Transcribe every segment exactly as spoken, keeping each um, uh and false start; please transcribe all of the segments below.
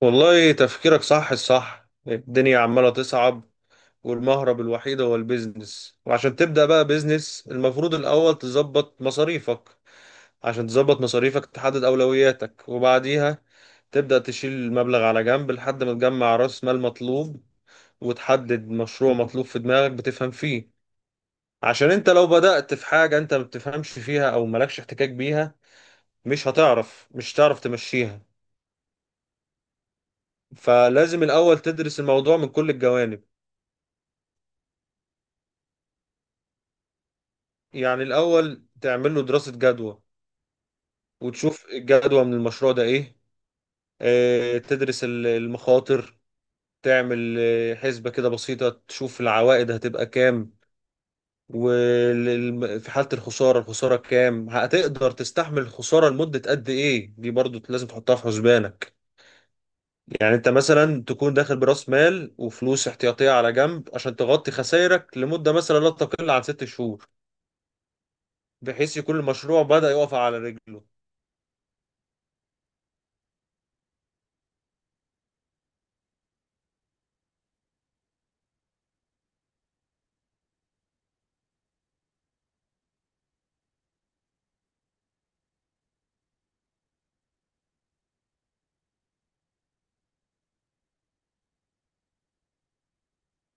والله تفكيرك صح الصح. الدنيا عمالة تصعب، والمهرب الوحيد هو البيزنس. وعشان تبدأ بقى بيزنس المفروض الأول تظبط مصاريفك. عشان تظبط مصاريفك تحدد أولوياتك، وبعديها تبدأ تشيل المبلغ على جنب لحد ما تجمع رأس مال مطلوب، وتحدد مشروع مطلوب في دماغك بتفهم فيه. عشان انت لو بدأت في حاجة انت ما بتفهمش فيها او مالكش احتكاك بيها، مش هتعرف مش هتعرف تمشيها. فلازم الأول تدرس الموضوع من كل الجوانب. يعني الأول تعمل له دراسة جدوى، وتشوف الجدوى من المشروع ده إيه. آه، تدرس ال- المخاطر. تعمل آه، حسبة كده بسيطة، تشوف العوائد هتبقى كام، وفي حالة الخسارة الخسارة كام، هتقدر تستحمل الخسارة لمدة قد إيه. دي برضو لازم تحطها في حسبانك. يعني أنت مثلا تكون داخل برأس مال وفلوس احتياطية على جنب عشان تغطي خسائرك لمدة مثلا لا تقل عن ست شهور، بحيث يكون المشروع بدأ يقف على رجله.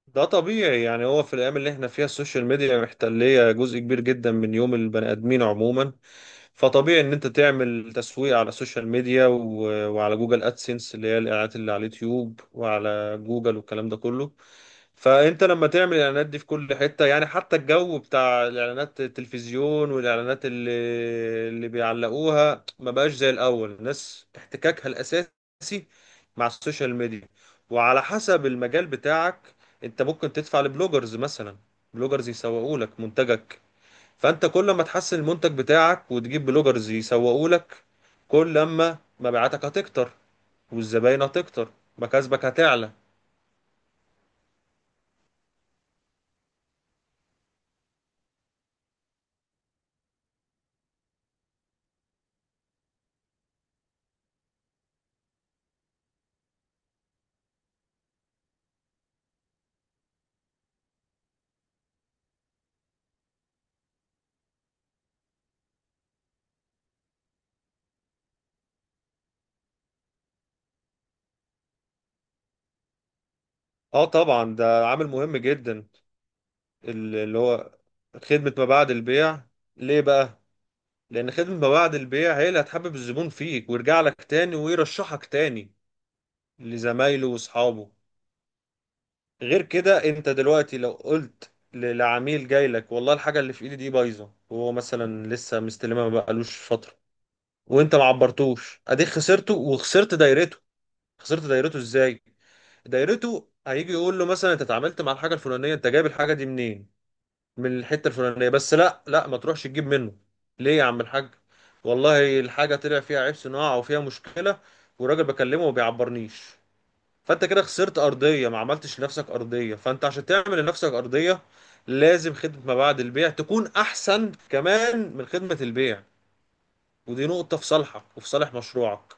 ده طبيعي. يعني هو في الأيام اللي احنا فيها السوشيال ميديا محتلية جزء كبير جدا من يوم البني آدمين عموما. فطبيعي إن أنت تعمل تسويق على السوشيال ميديا و- وعلى جوجل أدسنس، اللي هي الإعلانات اللي على اليوتيوب وعلى جوجل والكلام ده كله. فأنت لما تعمل الإعلانات دي في كل حتة، يعني حتى الجو بتاع الإعلانات التلفزيون والإعلانات اللي اللي بيعلقوها، ما بقاش زي الأول. الناس احتكاكها الأساسي مع السوشيال ميديا، وعلى حسب المجال بتاعك انت ممكن تدفع لبلوجرز مثلا. بلوجرز يسوقوا لك منتجك. فانت كل ما تحسن المنتج بتاعك وتجيب بلوجرز يسوقوا لك، كل ما مبيعاتك هتكتر، والزباين هتكتر، مكاسبك هتعلى. اه طبعا، ده عامل مهم جدا، ال- اللي هو خدمة ما بعد البيع. ليه بقى؟ لان خدمة ما بعد البيع هي اللي هتحبب الزبون فيك، ويرجع لك تاني، ويرشحك تاني لزمايله واصحابه. غير كده، انت دلوقتي لو قلت ل- لعميل جاي لك: والله الحاجه اللي في ايدي دي بايظه، وهو مثلا لسه مستلمها ما بقالوش فتره، وانت ما عبرتوش، اديك خسرته وخسرت دايرته. خسرت دايرته ازاي؟ دايرته هيجي يقول له مثلا: انت اتعاملت مع الحاجه الفلانيه، انت جايب الحاجه دي منين؟ من الحته الفلانيه. بس لا لا، ما تروحش تجيب منه. ليه يا عم الحاج؟ والله الحاجه طلع فيها عيب صناعه او فيها مشكله، والراجل بكلمه وما بيعبرنيش. فانت كده خسرت ارضيه، ما عملتش لنفسك ارضيه. فانت عشان تعمل لنفسك ارضيه، لازم خدمه ما بعد البيع تكون احسن كمان من خدمه البيع. ودي نقطه في صالحك وفي صالح مشروعك.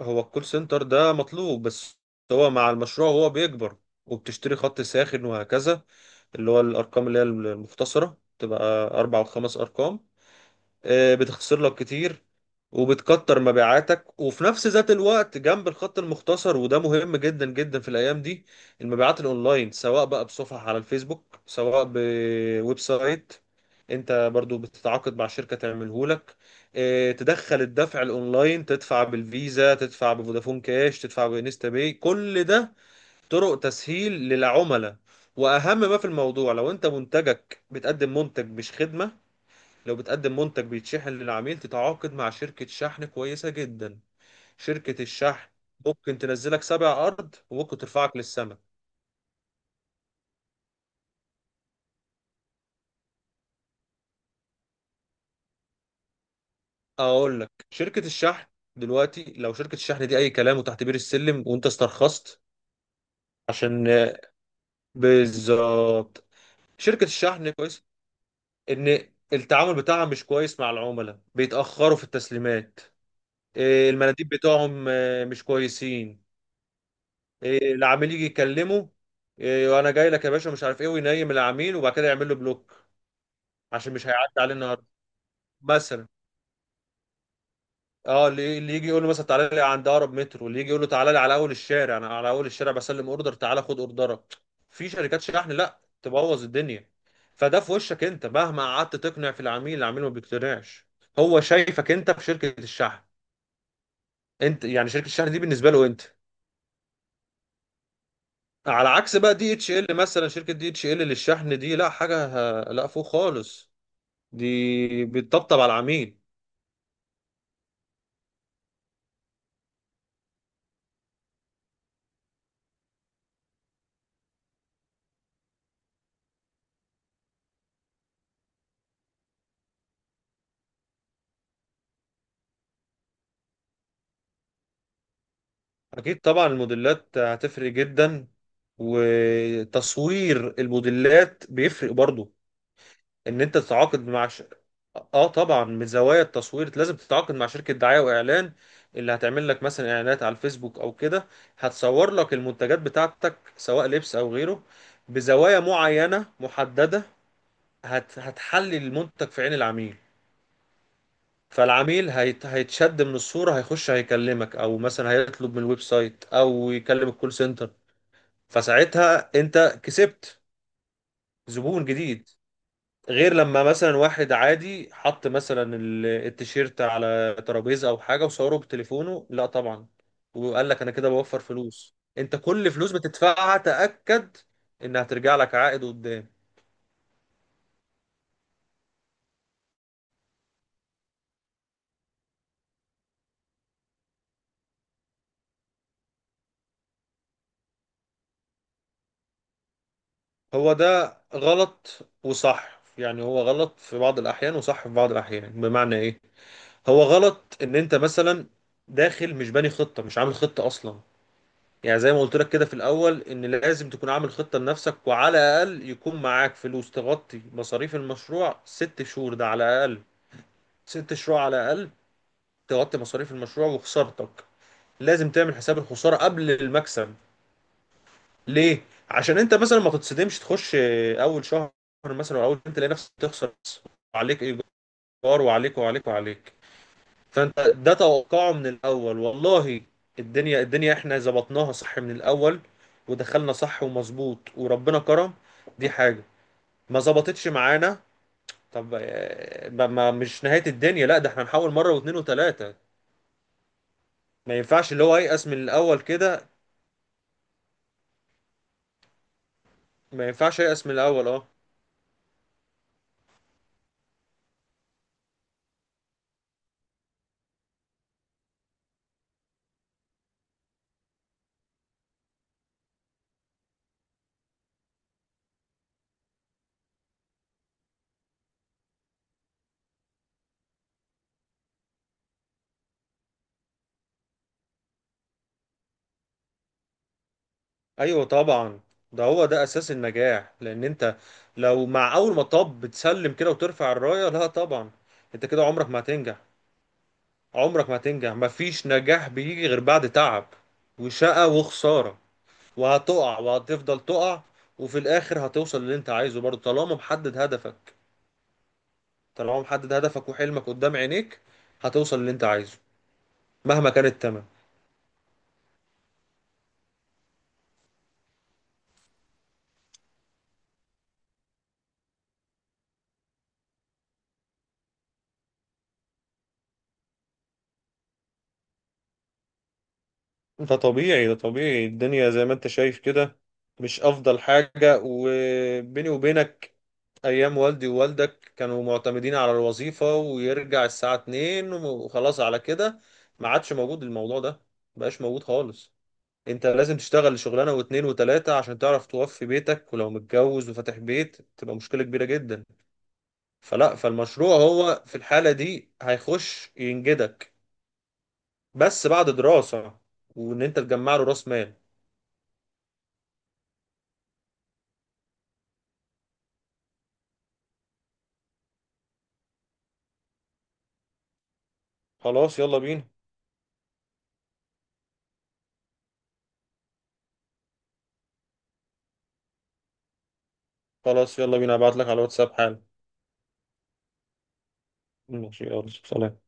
هو الكول سنتر ده مطلوب، بس هو مع المشروع هو بيكبر. وبتشتري خط ساخن وهكذا، اللي هو الارقام اللي هي المختصره، تبقى اربع وخمس ارقام. آه، بتخسر لك كتير، وبتكتر مبيعاتك. وفي نفس ذات الوقت جنب الخط المختصر، وده مهم جدا جدا في الايام دي، المبيعات الاونلاين، سواء بقى بصفحة على الفيسبوك سواء بويب سايت، انت برضو بتتعاقد مع شركة تعمله لك. اه، تدخل الدفع الاونلاين، تدفع بالفيزا، تدفع بفودافون كاش، تدفع بانستا باي، كل ده طرق تسهيل للعملاء. واهم ما في الموضوع، لو انت منتجك بتقدم منتج مش خدمة، لو بتقدم منتج بيتشحن للعميل، تتعاقد مع شركة شحن كويسة جدا. شركة الشحن ممكن تنزلك سبع أرض، وممكن ترفعك للسماء. أقول لك، شركة الشحن دلوقتي لو شركة الشحن دي أي كلام وتحت بير السلم، وأنت استرخصت عشان… بالظبط. شركة الشحن كويس، إن التعامل بتاعها مش كويس مع العملاء، بيتأخروا في التسليمات. إيه، المناديب بتاعهم آه، مش كويسين. إيه، العميل يجي يكلمه. إيه، وانا جاي لك يا باشا مش عارف ايه، وينيم العميل وبعد كده يعمل له بلوك. عشان مش هيعدي عليه النهارده مثلا. اه، اللي اللي يجي يقول له مثلا تعالى لي عند اقرب مترو، اللي يجي يقول له تعالى لي على اول الشارع، انا على اول الشارع بسلم اوردر تعالى خد اوردرك. في شركات شحن لا تبوظ الدنيا. فده في وشك، انت مهما قعدت تقنع في العميل العميل ما بيقتنعش. هو شايفك انت في شركة الشحن. انت يعني شركة الشحن دي بالنسبة له انت. على عكس بقى دي اتش ال مثلا، شركة دي اتش ال للشحن دي لا، حاجة ه- لا فوق خالص، دي بتطبطب على العميل. اكيد طبعا، الموديلات هتفرق جدا، وتصوير الموديلات بيفرق برضو. ان انت تتعاقد مع ش... اه طبعا، من زوايا التصوير لازم تتعاقد مع شركة دعاية واعلان، اللي هتعمل لك مثلا اعلانات على الفيسبوك او كده، هتصور لك المنتجات بتاعتك سواء لبس او غيره بزوايا معينة محددة. هت... هتحلي المنتج في عين العميل. فالعميل هيت... هيتشد من الصورة، هيخش هيكلمك، او مثلا هيطلب من الويب سايت او يكلم الكول سنتر. فساعتها انت كسبت زبون جديد. غير لما مثلا واحد عادي حط مثلا ال- التيشيرت على ترابيزة او حاجة وصوره بتليفونه، لا طبعا. وقال لك انا كده بوفر فلوس. انت كل فلوس بتدفعها تأكد انها ترجع لك عائد قدام. هو ده غلط وصح. يعني هو غلط في بعض الأحيان، وصح في بعض الأحيان. بمعنى إيه؟ هو غلط إن أنت مثلا داخل مش باني خطة، مش عامل خطة أصلا. يعني زي ما قلت لك كده في الأول إن لازم تكون عامل خطة لنفسك، وعلى الأقل يكون معاك فلوس تغطي مصاريف المشروع ست شهور، ده على الأقل. ست شهور على الأقل تغطي مصاريف المشروع وخسارتك. لازم تعمل حساب الخسارة قبل المكسب. ليه؟ عشان انت مثلا ما تتصدمش تخش آه، اول شهر مثلا، او اول انت تلاقي نفسك تخسر، عليك ايجار وعليك وعليك وعليك. فانت ده توقعه من الاول. والله الدنيا الدنيا احنا ظبطناها صح من الاول، ودخلنا صح ومظبوط وربنا كرم. دي حاجة ما ظبطتش معانا. طب آه، ما ما- مش نهاية الدنيا لا، ده احنا نحاول مرة واثنين وثلاثة. ما ينفعش اللي هو ييأس من الاول كده. ما ينفعش ييأس من الاول، اه. ايوه طبعا، ده هو ده اساس النجاح. لان انت لو مع اول مطب بتسلم كده وترفع الرايه، لا طبعا، انت كده عمرك ما هتنجح. عمرك ما هتنجح. مفيش نجاح بيجي غير بعد تعب وشقة وخسارة، وهتقع وهتفضل تقع، وفي الاخر هتوصل للي انت عايزه برضه، طالما محدد هدفك، طالما محدد هدفك وحلمك قدام عينيك، هتوصل للي انت عايزه مهما كان التمن. ده طبيعي ده طبيعي. الدنيا زي ما انت شايف كده، مش افضل حاجة. وبيني وبينك، ايام والدي ووالدك كانوا معتمدين على الوظيفة، ويرجع الساعة اتنين وخلاص على كده. ما عادش موجود الموضوع ده، مبقاش موجود خالص. انت لازم تشتغل شغلانة واتنين وتلاتة عشان تعرف توفي بيتك، ولو متجوز وفاتح بيت تبقى مشكلة كبيرة جدا. فلا، فالمشروع هو في الحالة دي هيخش ينجدك، بس بعد دراسة، وان انت تجمع له راس مال. خلاص يلا بينا. خلاص يلا بينا، هبعت لك على الواتساب حالا. ماشي يلا سلام.